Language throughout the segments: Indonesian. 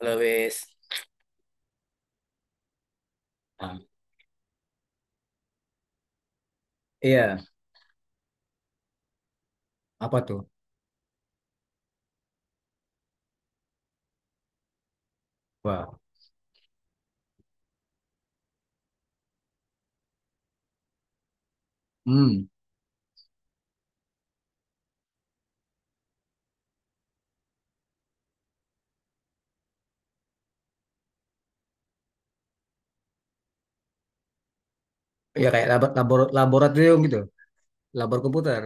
Lewis. Nah, iya, apa tuh? Wah, hmm, ya kayak labor laboratorium gitu, labor komputer.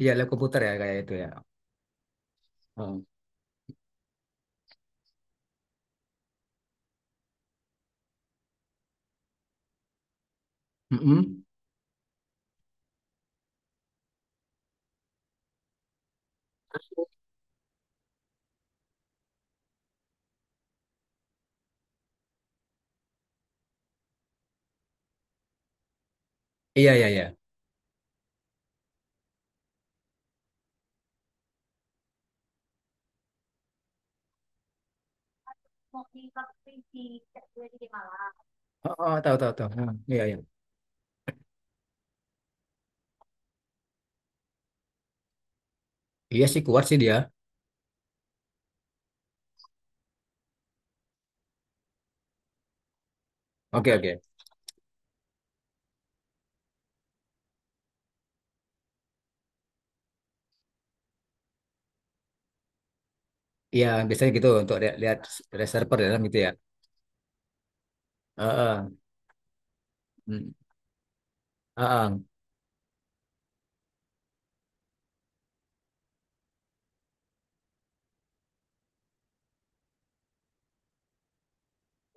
Iya, lab komputer ya kayak itu ya. Oh. Hmm. Mm-mm. Iya, iya, iya. Oh, oh, tahu, tahu, tahu. Hmm, iya, iya. Iya sih kuat sih dia. Oke, oke. Iya, biasanya gitu untuk lihat ada server dalam gitu ya. Heeh. Hmm. Heeh.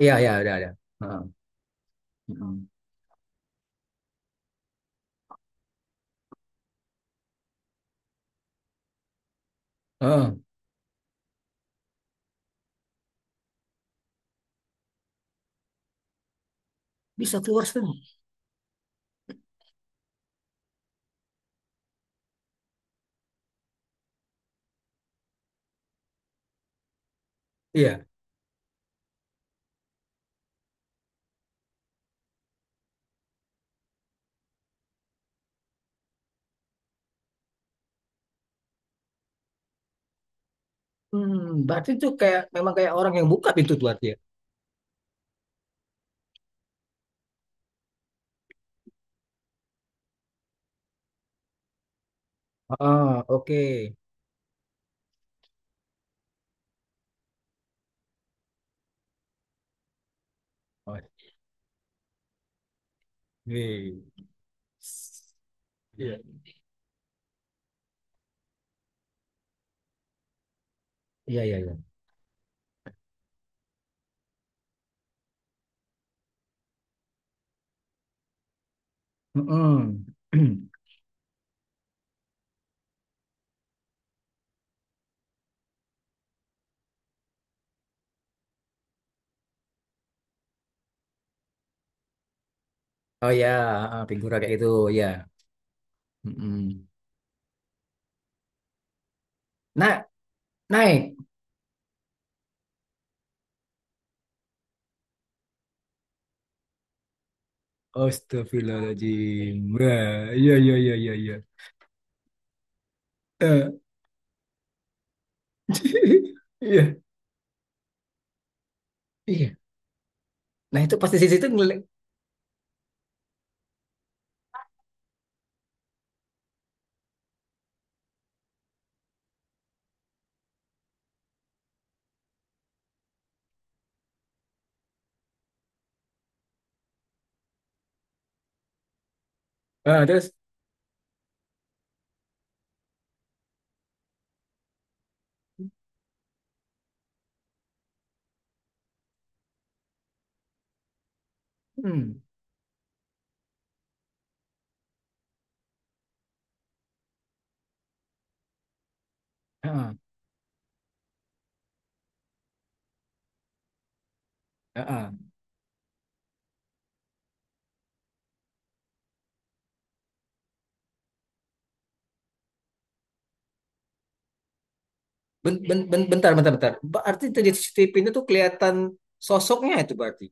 Iya, iya, ada, ada. Heeh. Mm. Heeh. Bisa keluar sih. Iya. Hmm, berarti itu kayak memang kayak orang yang buka pintu tuh artinya. Ah, oke. Oh, iya. Iya. Iya, iya, iya. Mm-mm. Oh ya, ah, figura kayak gitu, ya. Mm-mm. Nah, naik. Astagfirullahaladzim. Wah, iya, iya, iya, iya, iya. Eh, iya, iya. Nah, itu pasti sisi itu ngeliat. Ah, terus, hmm, ah, ah, ah. Ben, ben, ben- Bentar, bentar, bentar. Berarti itu di CCTV itu tuh kelihatan sosoknya itu berarti.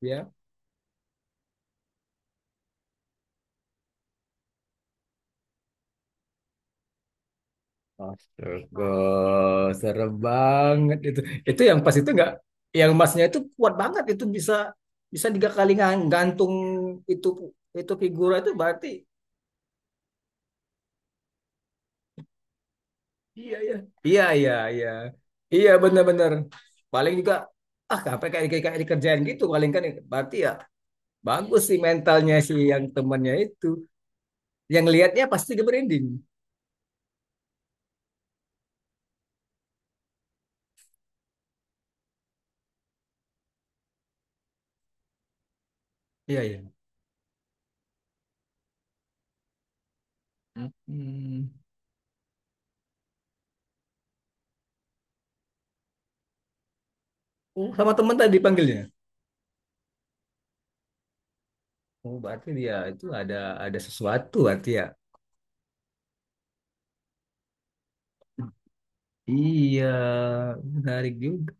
Ya. Astaga, serem banget itu. Itu yang pas itu nggak, yang emasnya itu kuat banget itu bisa bisa tiga kali gantung itu itu figura itu berarti. Iya ya, iya iya iya, iya benar-benar. Paling juga ah sampai kayak kayak kayak dikerjain gitu paling kan, berarti ya bagus sih mentalnya si yang temannya itu. Yang lihatnya pasti dia berending. Iya iya. Hmm. Oh, sama teman tadi panggilnya. Oh, berarti dia itu ada sesuatu berarti ya. Iya, menarik juga.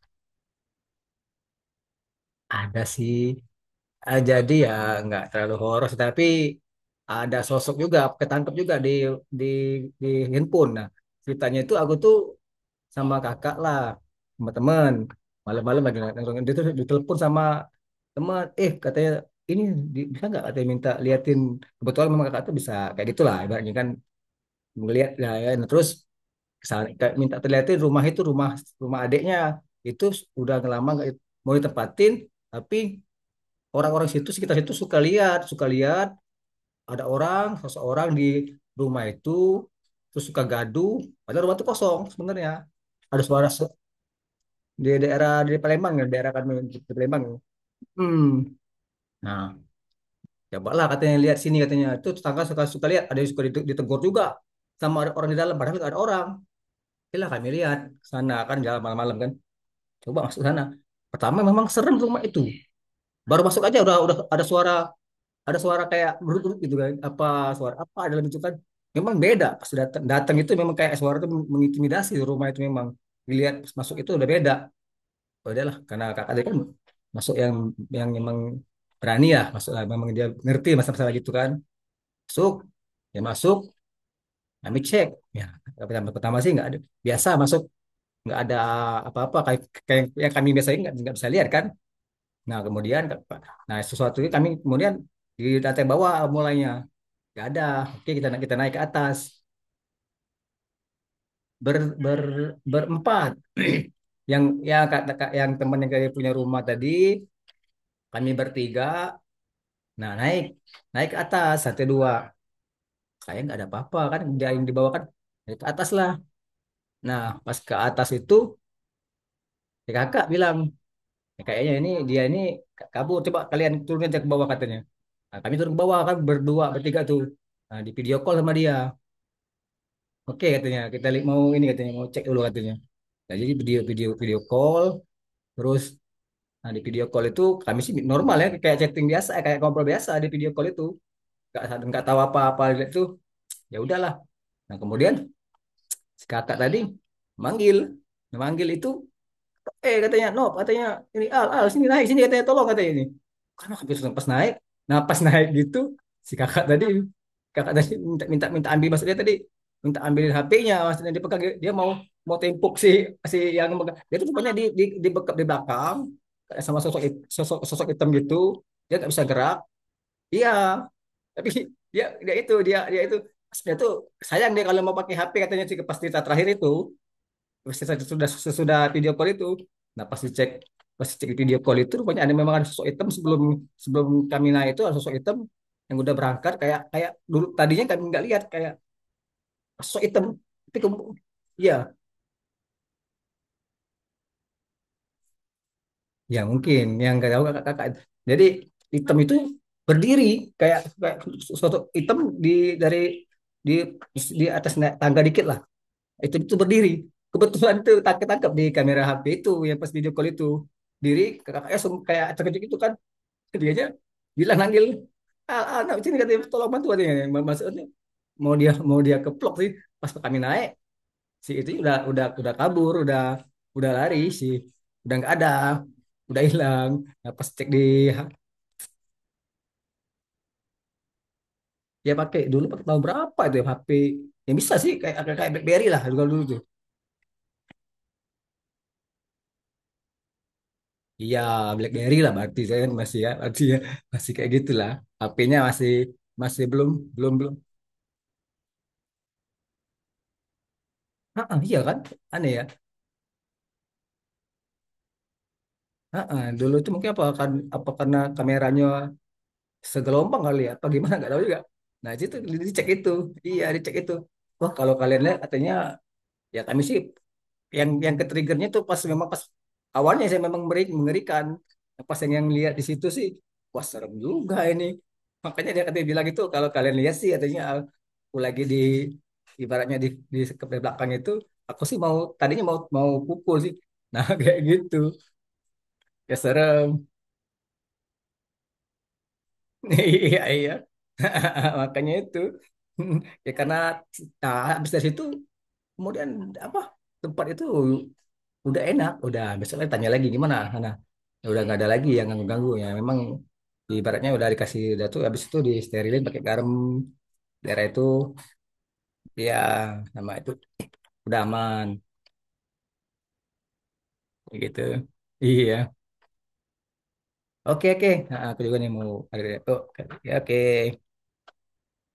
Ada sih. Ah, jadi ya nggak terlalu horor, tapi ada sosok juga, ketangkep juga di di di handphone. Nah, ceritanya itu aku tuh sama kakak lah, sama teman. Malam-malam lagi nongkrong, dia tuh ditelepon sama teman. Eh, katanya ini bisa nggak katanya, minta liatin, kebetulan memang kakak tuh bisa kayak gitulah ibaratnya kan, ngelihat lah ya. Nah, terus Kesana- minta terlihatin rumah itu, rumah rumah adiknya itu udah lama nggak mau ditempatin, tapi orang-orang situ sekitar situ suka lihat ada orang seseorang di rumah itu, terus suka gaduh padahal rumah itu kosong sebenarnya. ada suara se- di daerah di Palembang ya, daerah kami di Palembang. Hmm, nah cobalah katanya lihat sini, katanya itu tetangga suka suka lihat ada yang suka ditegur juga, sama ada orang di dalam padahal nggak ada orang. Yalah kami lihat ke sana kan, jalan malam-malam kan, coba masuk sana, pertama memang serem tuh rumah itu. Baru masuk aja udah ada suara, ada suara kayak berut-berut gitu kan, apa suara apa dalam itu kan. Memang beda pas datang datang itu, memang kayak suara itu mengintimidasi, rumah itu memang dilihat pas masuk itu udah beda. Ya udahlah, karena kakak tadi kan masuk, yang memang berani ya masuk lah, memang dia ngerti masalah-masalah gitu kan. Masuk, ya masuk, kami cek ya, pertama pertama sih nggak ada, biasa masuk, nggak ada apa-apa kayak, kayak yang kami biasanya nggak bisa lihat kan. Nah, kemudian nah sesuatu itu kami kemudian di lantai bawah mulainya. Gak ada. Oke, kita kita naik ke atas. Ber, ber, berempat. Yang, ya yang teman yang kayak punya rumah tadi, kami bertiga. Nah, naik naik ke atas lantai dua. Kayak nggak ada apa-apa kan dia yang di kan. Naik ke atas lah. Nah, pas ke atas itu ya kakak bilang, "Ya, kayaknya ini dia ini kabur. Coba kalian turunin, cek ke bawah," katanya. Nah, kami turun ke bawah kan, bertiga tuh. Nah, di video call sama dia. Oke katanya, "Kita mau ini," katanya, mau cek dulu katanya. Nah, jadi video video video call terus. Nah, di video call itu kami sih normal ya kayak chatting biasa, eh, kayak ngobrol biasa di video call itu. Nggak, tahu apa-apa itu, ya udahlah. Nah kemudian si kakak tadi manggil, nah, manggil itu eh katanya, "No," katanya, "ini al al sini naik sini," katanya, "tolong," katanya, ini karena hampir sudah pas naik. Nah pas naik gitu si kakak tadi, kakak tadi minta, minta ambil, maksudnya tadi minta ambilin HP-nya, maksudnya dipegang, dia pegang dia mau, mau tempuk si, si yang megang. Dia tuh rupanya di, bekap di belakang kayak sama sosok hit- sosok sosok hitam gitu, dia nggak bisa gerak. Iya. Tapi dia dia itu dia dia itu dia tuh sayang dia kalau mau pakai HP katanya sih pas cerita terakhir itu, sesudah sesudah video call itu. Nah pas dicek, video call itu rupanya ada, memang ada sosok hitam sebelum, kami naik itu, ada sosok hitam yang udah berangkat kayak kayak dulu, tadinya kami nggak lihat kayak sosok hitam, tapi kemudian ya, ya mungkin yang nggak tahu, kakak kakak jadi hitam itu berdiri kayak kayak sosok hitam di, dari di di atas naik tangga dikit lah, itu berdiri, kebetulan itu tangkap tangkap di kamera HP itu yang pas video call itu, diri kakaknya langsung kayak terkejut itu kan, ketiganya bilang nanggil, "Ah, ah, anak kecil," katanya, "tolong bantu," katanya, maksudnya mau dia, mau dia keplok sih. Pas kami naik, si itu udah, kabur udah lari sih. Udah nggak ada, udah hilang. Nah, pas cek di, dia pakai dulu pakai tahun berapa itu ya HP yang bisa sih kayak kayak BlackBerry lah, dulu dulu tuh. Iya, BlackBerry lah, berarti saya kan masih ya, berarti ya masih kayak gitulah, HP-nya masih, masih belum belum belum ah ah, iya kan, aneh ya. Heeh, dulu itu mungkin apa kan, apa karena kameranya segelombang kali ya, apa gimana nggak tahu juga. Nah itu dicek itu, iya dicek itu. Wah kalau kalian lihat katanya, ya kami sih yang ke triggernya tuh pas, memang pas awalnya, saya memang mengerikan. Nah, pas yang lihat di situ sih, wah serem juga ini. Makanya dia katanya bilang gitu kalau kalian lihat sih katanya, aku lagi di ibaratnya di belakang itu, aku sih mau tadinya mau, mau pukul sih. Nah kayak gitu, ya serem. Iya, iya. Makanya itu. Ya karena nah, habis dari situ kemudian apa? Tempat itu udah enak, udah besok lagi tanya lagi gimana. Nah, ya udah nggak ada lagi yang ganggu-ganggu ya. Memang ibaratnya udah dikasih udah tuh, habis itu disterilin pakai garam daerah itu ya, nama itu udah aman, kayak gitu. Iya. Oke, oke. Nah, aku juga nih mau ada, oh, oke. Oke.